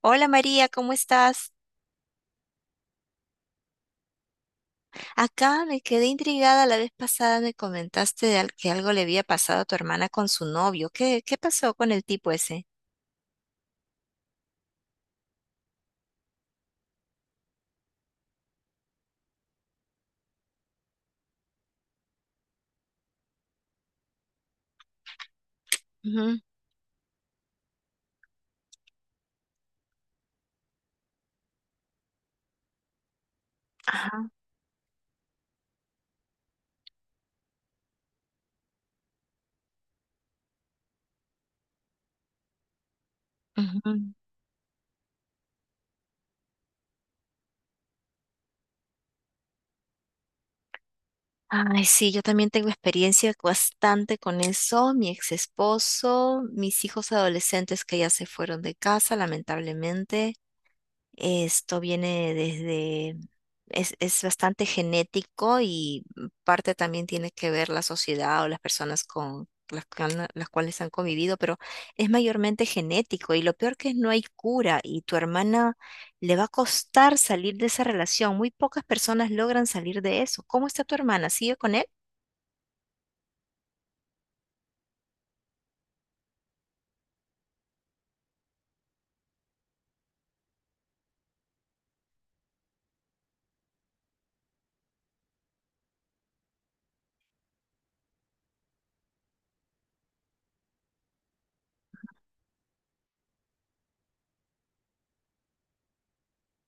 Hola María, ¿cómo estás? Acá me quedé intrigada la vez pasada, me comentaste que algo le había pasado a tu hermana con su novio. ¿Qué pasó con el tipo ese? Ujú. Ajá. Ujú. Ay, sí, yo también tengo experiencia bastante con eso. Mi ex esposo, mis hijos adolescentes que ya se fueron de casa, lamentablemente. Esto viene desde, es bastante genético y parte también tiene que ver la sociedad o las personas con las cuales han convivido, pero es mayormente genético y lo peor que es no hay cura y tu hermana le va a costar salir de esa relación. Muy pocas personas logran salir de eso. ¿Cómo está tu hermana? ¿Sigue con él?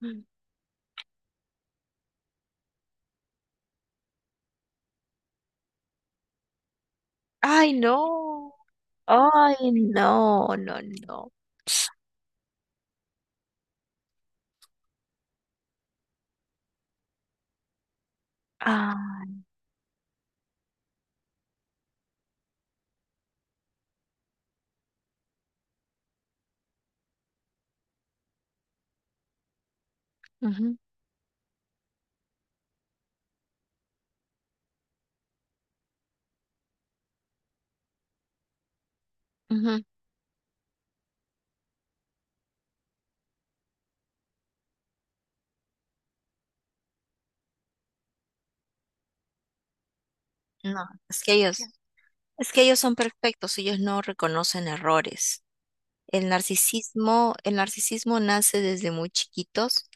Mm. Ay, no. Ay, no, no, no. Ah, ujú, ujú. No, es que ellos… Es que ellos son perfectos, ellos no reconocen errores. El narcisismo nace desde muy chiquitos.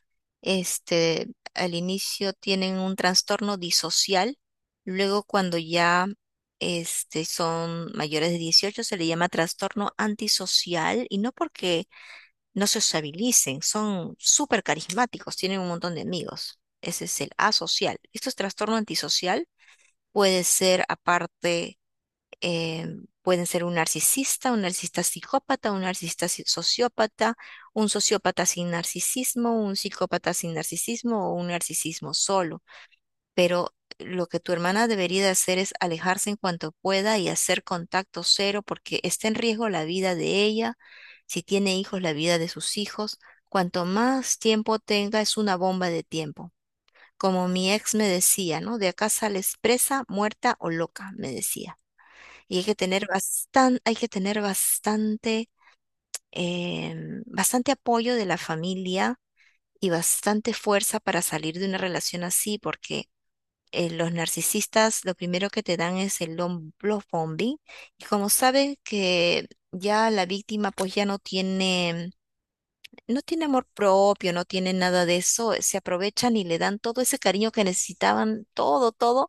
Este, al inicio tienen un trastorno disocial, luego cuando ya este, son mayores de 18 se le llama trastorno antisocial y no porque no se sociabilicen, son súper carismáticos, tienen un montón de amigos. Ese es el asocial. Esto es trastorno antisocial, puede ser aparte eh, pueden ser un narcisista psicópata, un narcisista si- sociópata, un sociópata sin narcisismo, un psicópata sin narcisismo o un narcisismo solo. Pero lo que tu hermana debería de hacer es alejarse en cuanto pueda y hacer contacto cero porque está en riesgo la vida de ella, si tiene hijos, la vida de sus hijos. Cuanto más tiempo tenga, es una bomba de tiempo. Como mi ex me decía, ¿no? De acá sales presa, muerta o loca, me decía. Y hay que tener bastante, bastante apoyo de la familia y bastante fuerza para salir de una relación así, porque los narcisistas lo primero que te dan es love bombing. Y como saben que ya la víctima pues no tiene amor propio, no tiene nada de eso, se aprovechan y le dan todo ese cariño que necesitaban, todo, todo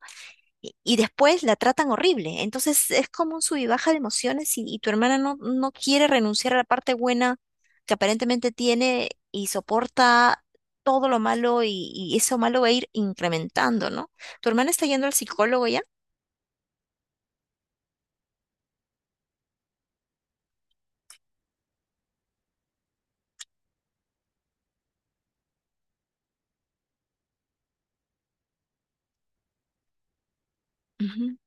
y después la tratan horrible. Entonces es como un sub y baja de emociones y tu hermana no quiere renunciar a la parte buena que aparentemente tiene y soporta todo lo malo y eso malo va a ir incrementando, ¿no? Tu hermana está yendo al psicólogo ya. Ujú.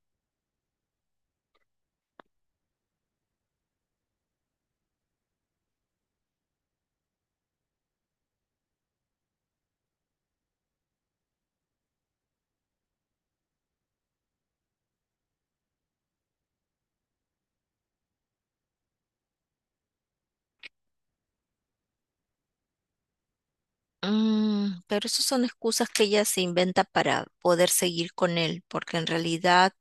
Mm, pero eso son excusas que ella se inventa para poder seguir con él, porque en realidad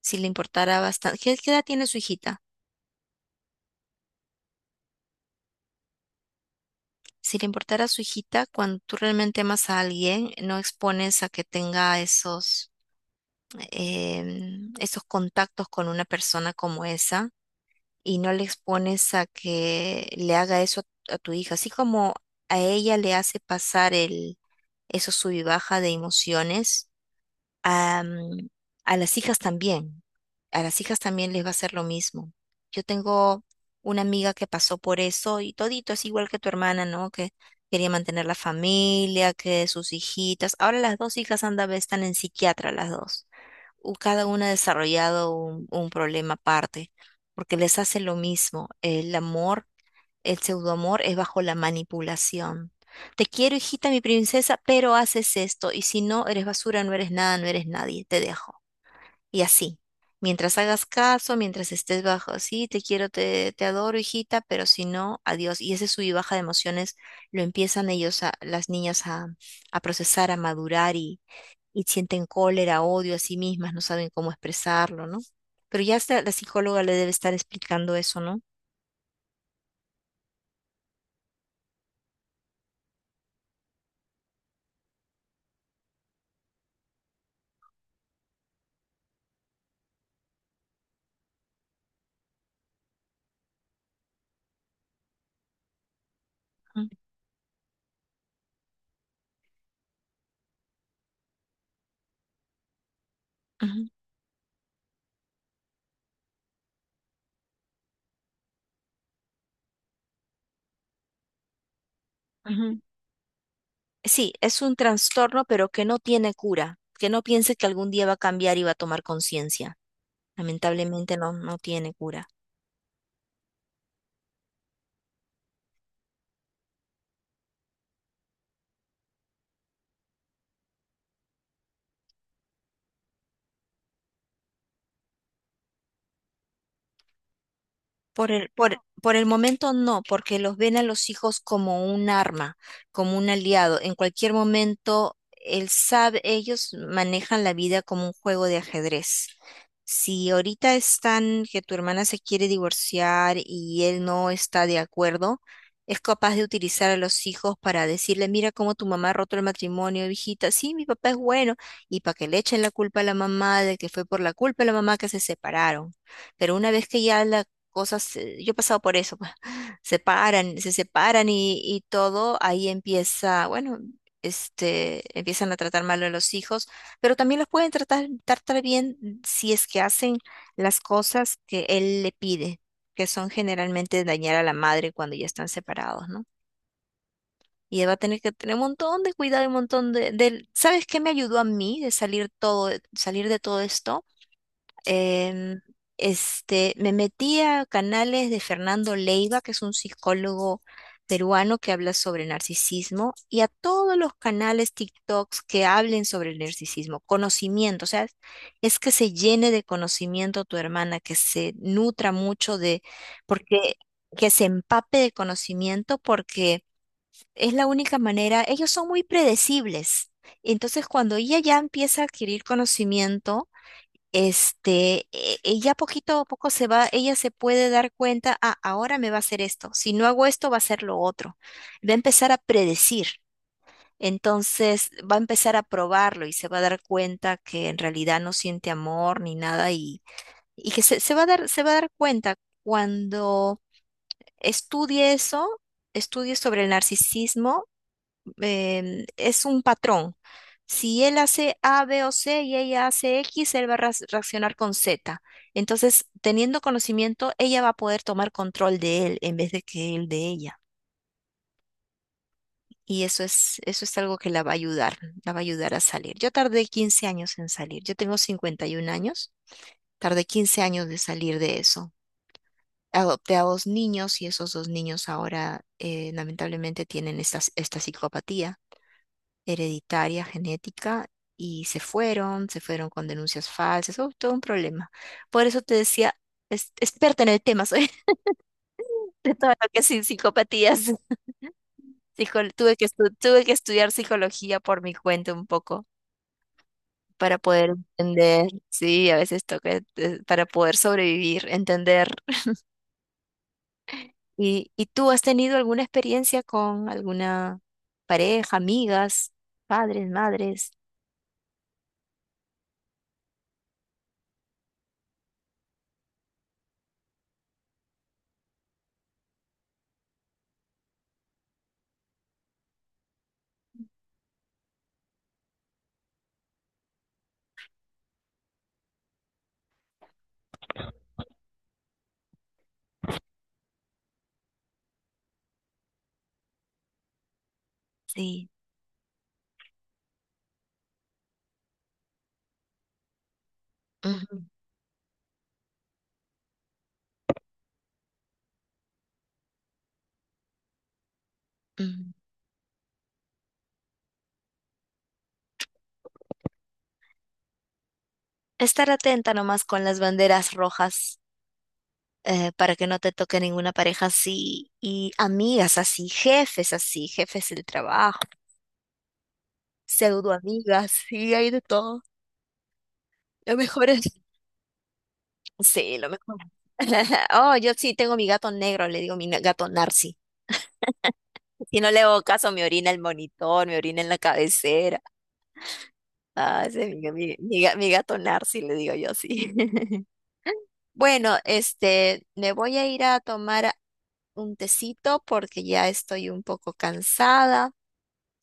si le importara bastante, ¿qué edad tiene su hijita? Si le importara a su hijita, cuando tú realmente amas a alguien, no expones a que tenga esos, esos contactos con una persona como esa y no le expones a que le haga eso a tu hija. Así como a ella le hace pasar el, esos sub y baja de emociones am, a las hijas también, a las hijas también les va a hacer lo mismo. Yo tengo una amiga que pasó por eso y todito es igual que tu hermana, ¿no? Que quería mantener la familia, que sus hijitas. Ahora las dos hijas anda, ve, están en psiquiatra las dos. Cada una ha desarrollado un problema aparte, porque les hace lo mismo. El amor el pseudoamor es bajo la manipulación. Te quiero, hijita, mi princesa, pero haces esto, y si no, eres basura, no eres nada, no eres nadie, te dejo. Y así. Mientras hagas caso, mientras estés bajo, sí, te quiero, te adoro, hijita, pero si no, adiós. Y ese sub y baja de emociones lo empiezan ellos, a, las niñas, a procesar, a madurar y sienten cólera, odio a sí mismas, no saben cómo expresarlo, ¿no? Pero ya hasta la psicóloga le debe estar explicando eso, ¿no? Ujú, ujú, ujú. Sí, es un trastorno, pero que no tiene cura, que no piense que algún día va a cambiar y va a tomar conciencia. Lamentablemente no tiene cura. Por el momento no, porque los ven a los hijos como un arma, como un aliado. En cualquier momento, él sabe, ellos manejan la vida como un juego de ajedrez. Si ahorita están que tu hermana se quiere divorciar y él no está de acuerdo, es capaz de utilizar a los hijos para decirle, mira cómo tu mamá ha roto el matrimonio, hijita, sí, mi papá es bueno, y para que le echen la culpa a la mamá de que fue por la culpa de la mamá que se separaron. Pero una vez que ya la cosas, yo he pasado por eso, pues, se paran, se separan y todo, ahí empieza, bueno, este, empiezan a tratar mal a los hijos, pero también los pueden tratar bien mm, si es que hacen las cosas que él le pide, que son generalmente dañar a la madre cuando ya están separados, ¿no? Y él va a tener que tener un montón de cuidado y un montón de… ¿Sabes qué me ayudó a mí salir de todo esto? Em, este, me metí a canales de Fernando Leiva, que es un psicólogo peruano que habla sobre narcisismo, y a todos los canales TikToks que hablen sobre el narcisismo, conocimiento, o sea, es que se llene de conocimiento tu hermana, que se nutra mucho de, porque, que se empape de conocimiento, porque es la única manera, ellos son muy predecibles. Entonces, cuando ella ya empieza a adquirir conocimiento, ella poquito a poco se va, ella se puede dar cuenta, ah, ahora me va a hacer esto, si no hago esto va a ser lo otro. Va a empezar a predecir, entonces va a empezar a probarlo y se va a dar cuenta que en realidad no siente amor ni nada y que se va a dar, se va a dar cuenta cuando estudie eso, estudie sobre el narcisismo em, es un patrón. Si él hace A, B o C y ella hace X, él va a reaccionar con Z. Entonces, teniendo conocimiento, ella va a poder tomar control de él en vez de que él de ella. Y eso es algo que la va a ayudar, la va a ayudar a salir. Yo tardé 15 años en salir. Yo tengo 51 años. Tardé 15 años de salir de eso. Adopté a dos niños y esos dos niños ahora lamentablemente tienen esta psicopatía hereditaria, genética, y se fueron con denuncias falsas, oh, todo un problema. Por eso te decía, es, experta en el tema, soy de todo lo que es psicopatías. Tuve que estudiar psicología por mi cuenta un poco para poder entender, sí, a veces toca, para poder sobrevivir, entender. ¿Y tú has tenido alguna experiencia con alguna pareja, amigas, padres, madres? Sí. Ujú, ujú. Estar atenta nomás con las banderas rojas para que no te toque ninguna pareja así y amigas así, jefes del trabajo, pseudo amigas, sí, hay de todo. Lo mejor es… Sí, lo mejor. Oh, yo sí tengo mi gato negro, le digo gato Narci. Si no le hago caso, me orina el monitor, me orina en la cabecera. Ah, ese es mi gato Narci, le digo yo sí. Bueno, este, me voy a ir a tomar un tecito porque ya estoy un poco cansada.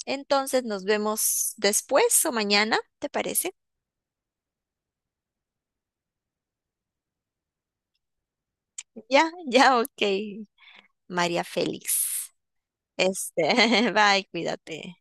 Entonces nos vemos después o mañana, ¿te parece? Ya, ya, ok, María Félix. Este, bye, cuídate.